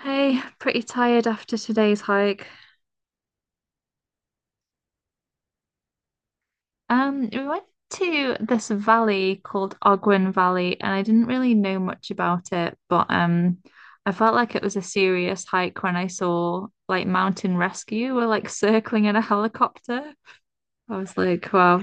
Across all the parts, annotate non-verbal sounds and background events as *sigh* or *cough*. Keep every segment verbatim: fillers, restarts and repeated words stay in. Hey, pretty tired after today's hike. Um, we went to this valley called Ogwen Valley, and I didn't really know much about it, but um, I felt like it was a serious hike when I saw like Mountain Rescue were like circling in a helicopter. I was like, wow.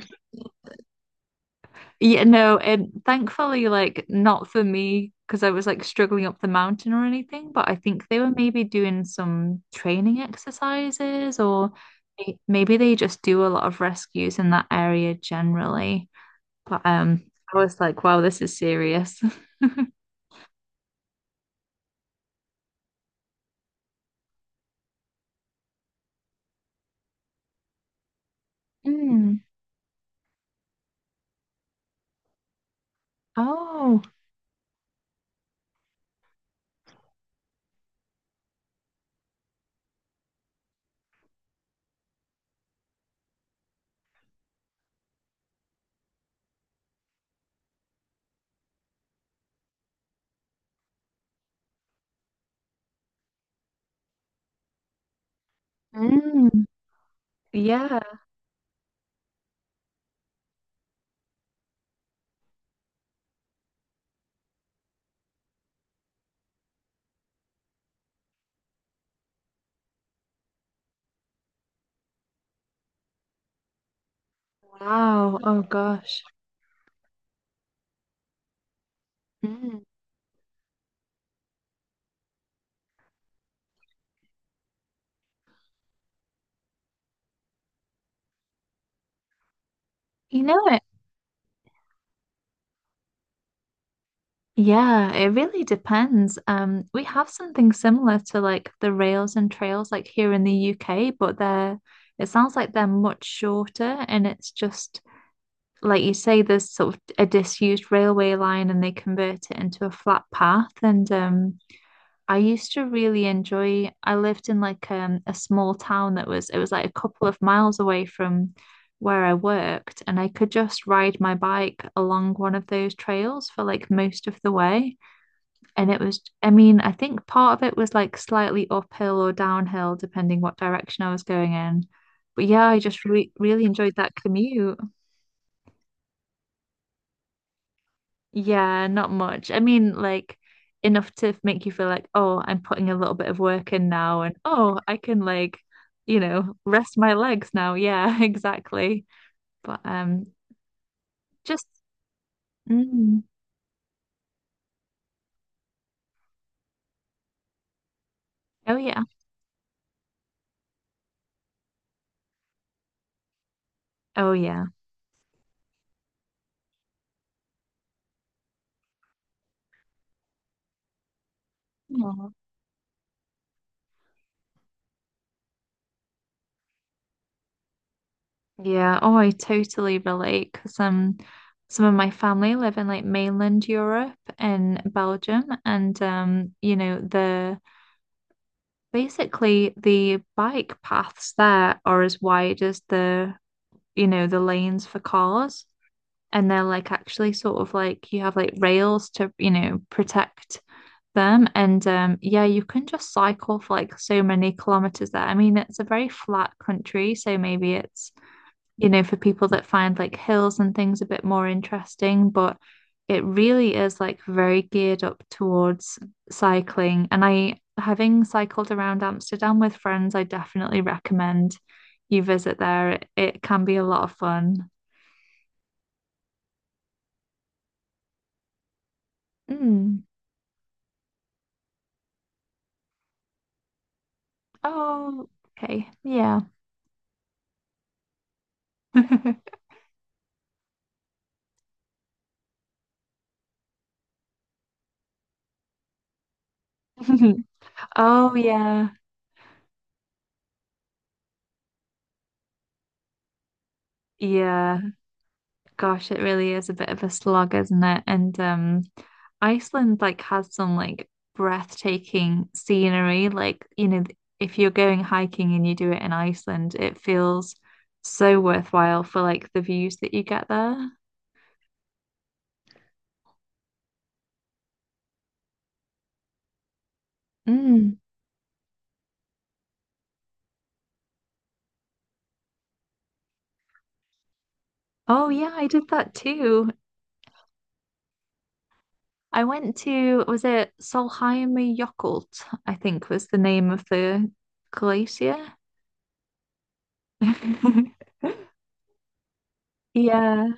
Yeah, no, and thankfully, like, not for me because I was like struggling up the mountain or anything, but I think they were maybe doing some training exercises or may- maybe they just do a lot of rescues in that area generally. But um, I was like, wow, this is serious. *laughs* Mm. Oh, mm. Yeah. Wow. Oh gosh. Mm. You know it. Yeah, it really depends. Um, we have something similar to like the rails and trails like here in the U K, but they're it sounds like they're much shorter and it's just like you say, there's sort of a disused railway line and they convert it into a flat path. And um I used to really enjoy. I lived in like um a small town that was it was like a couple of miles away from where I worked and I could just ride my bike along one of those trails for like most of the way. And it was, I mean, I think part of it was like slightly uphill or downhill, depending what direction I was going in. But yeah, I just re really enjoyed that commute. Yeah, not much. I mean, like enough to make you feel like, oh, I'm putting a little bit of work in now, and oh, I can like, you know, rest my legs now. Yeah, *laughs* exactly. But um, just, mm, oh yeah, oh yeah. Aw. Yeah, oh, I totally relate because um, some of my family live in like mainland Europe in Belgium, and um, you know, the basically the bike paths there are as wide as the you know the lanes for cars, and they're like actually sort of like you have like rails to you know protect them, and um, yeah, you can just cycle for like so many kilometers there. I mean, it's a very flat country, so maybe it's you know, for people that find like hills and things a bit more interesting, but it really is like very geared up towards cycling. And I, having cycled around Amsterdam with friends, I definitely recommend you visit there. It, it can be a lot of fun. Mm. Oh, okay. Yeah. *laughs* Oh, yeah. Yeah. Gosh, it really is a bit of a slog, isn't it? And um, Iceland like has some like breathtaking scenery. Like, you know, if you're going hiking and you do it in Iceland, it feels so worthwhile for like the views that you get there. Mm. Oh yeah, I did that too. I went to, was it Sólheimajökull, I think was the name of the glacier. *laughs* Yeah.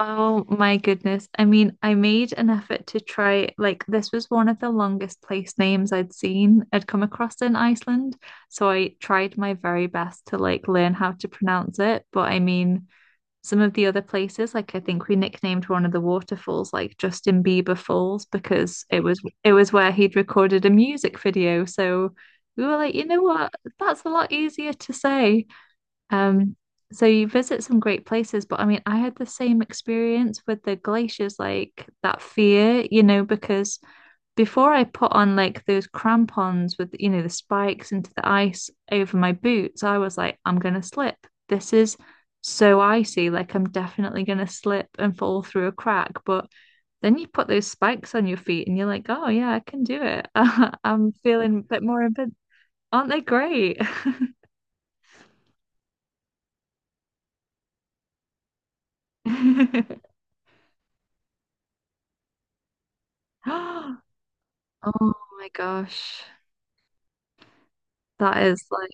Oh my goodness. I mean, I made an effort to try, like, this was one of the longest place names I'd seen, I'd come across in Iceland. So I tried my very best to, like, learn how to pronounce it. But I mean, some of the other places, like, I think we nicknamed one of the waterfalls, like, Justin Bieber Falls, because it was, it was where he'd recorded a music video. So we were like, you know what? That's a lot easier to say. Um, so you visit some great places, but I mean, I had the same experience with the glaciers, like that fear, you know, because before I put on like those crampons with, you know, the spikes into the ice over my boots, I was like, I'm gonna slip. This is so icy, like I'm definitely gonna slip and fall through a crack. But then you put those spikes on your feet and you're like, oh yeah, I can do it. *laughs* I'm feeling a bit more, invi- aren't they great? *laughs* Oh my gosh. That is like,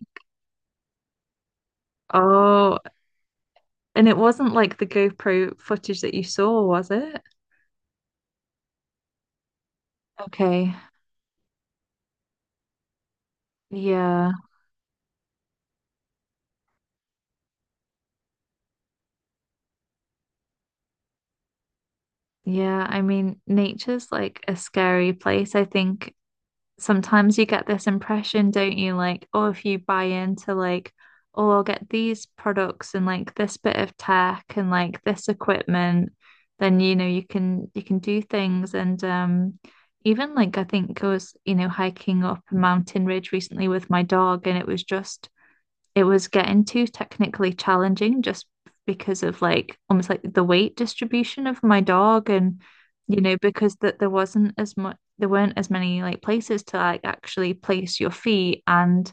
oh, and it wasn't like the GoPro footage that you saw, was it? Okay. Yeah. Yeah. I mean, nature's like a scary place. I think sometimes you get this impression, don't you? Like, oh, if you buy into like, oh, I'll get these products and like this bit of tech and like this equipment, then you know you can you can do things. And um, even like I think I was you know hiking up a mountain ridge recently with my dog, and it was just it was getting too technically challenging just because of like almost like the weight distribution of my dog and you know because that there wasn't as much there weren't as many like places to like actually place your feet and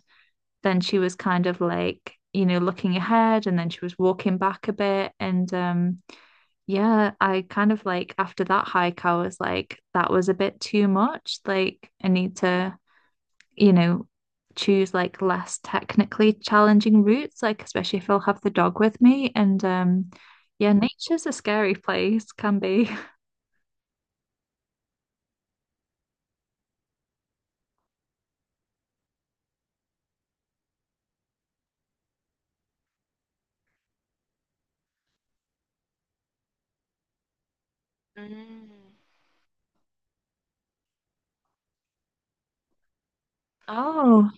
then she was kind of like you know looking ahead and then she was walking back a bit and um yeah, I kind of like after that hike I was like that was a bit too much, like I need to you know, choose like less technically challenging routes, like especially if I'll have the dog with me. And um yeah, nature's a scary place, can be. *laughs* Oh,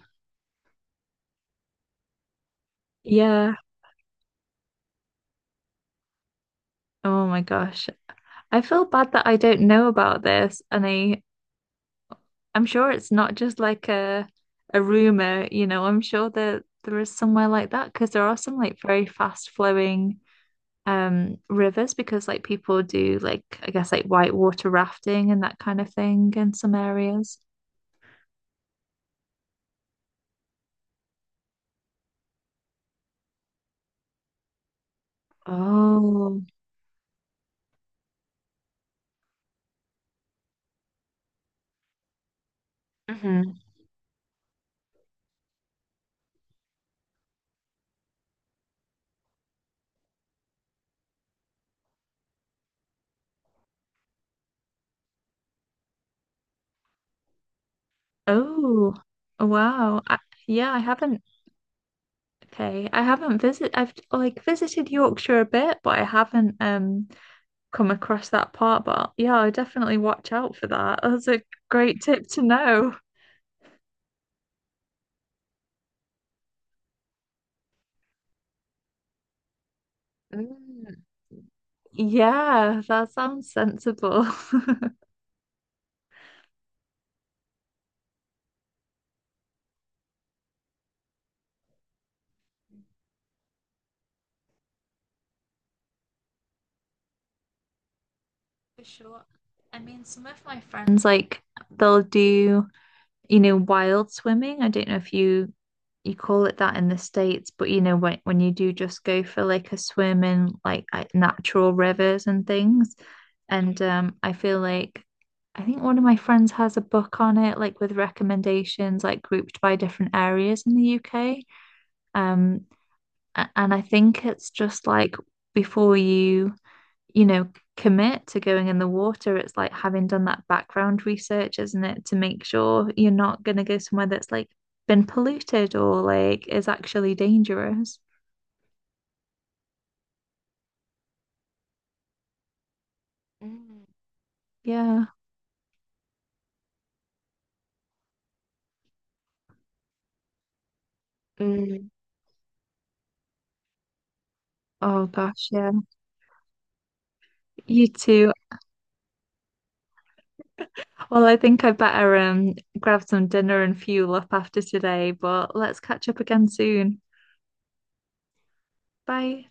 yeah. Oh my gosh. I feel bad that I don't know about this and I I'm sure it's not just like a a rumor, you know, I'm sure that there is somewhere like that because there are some like very fast flowing um rivers because like people do like I guess like whitewater rafting and that kind of thing in some areas. Oh. Hmm. Oh. Wow. I, yeah, I haven't. Okay. I haven't visit I've like visited Yorkshire a bit, but I haven't um come across that part. But yeah, I definitely watch out for that. That's a great tip to know. Mm. Yeah, that sounds sensible. *laughs* For sure. I mean, some of my friends like they'll do, you know, wild swimming. I don't know if you you call it that in the States, but you know, when when you do just go for like a swim in like uh, natural rivers and things. And um, I feel like I think one of my friends has a book on it, like with recommendations, like grouped by different areas in the U K. Um, a- and I think it's just like before you you know, commit to going in the water, it's like having done that background research, isn't it? To make sure you're not going to go somewhere that's like been polluted or like is actually dangerous. Mm. Yeah. Mm. Oh gosh, yeah. You too. Well, I think I better um grab some dinner and fuel up after today, but let's catch up again soon. Bye.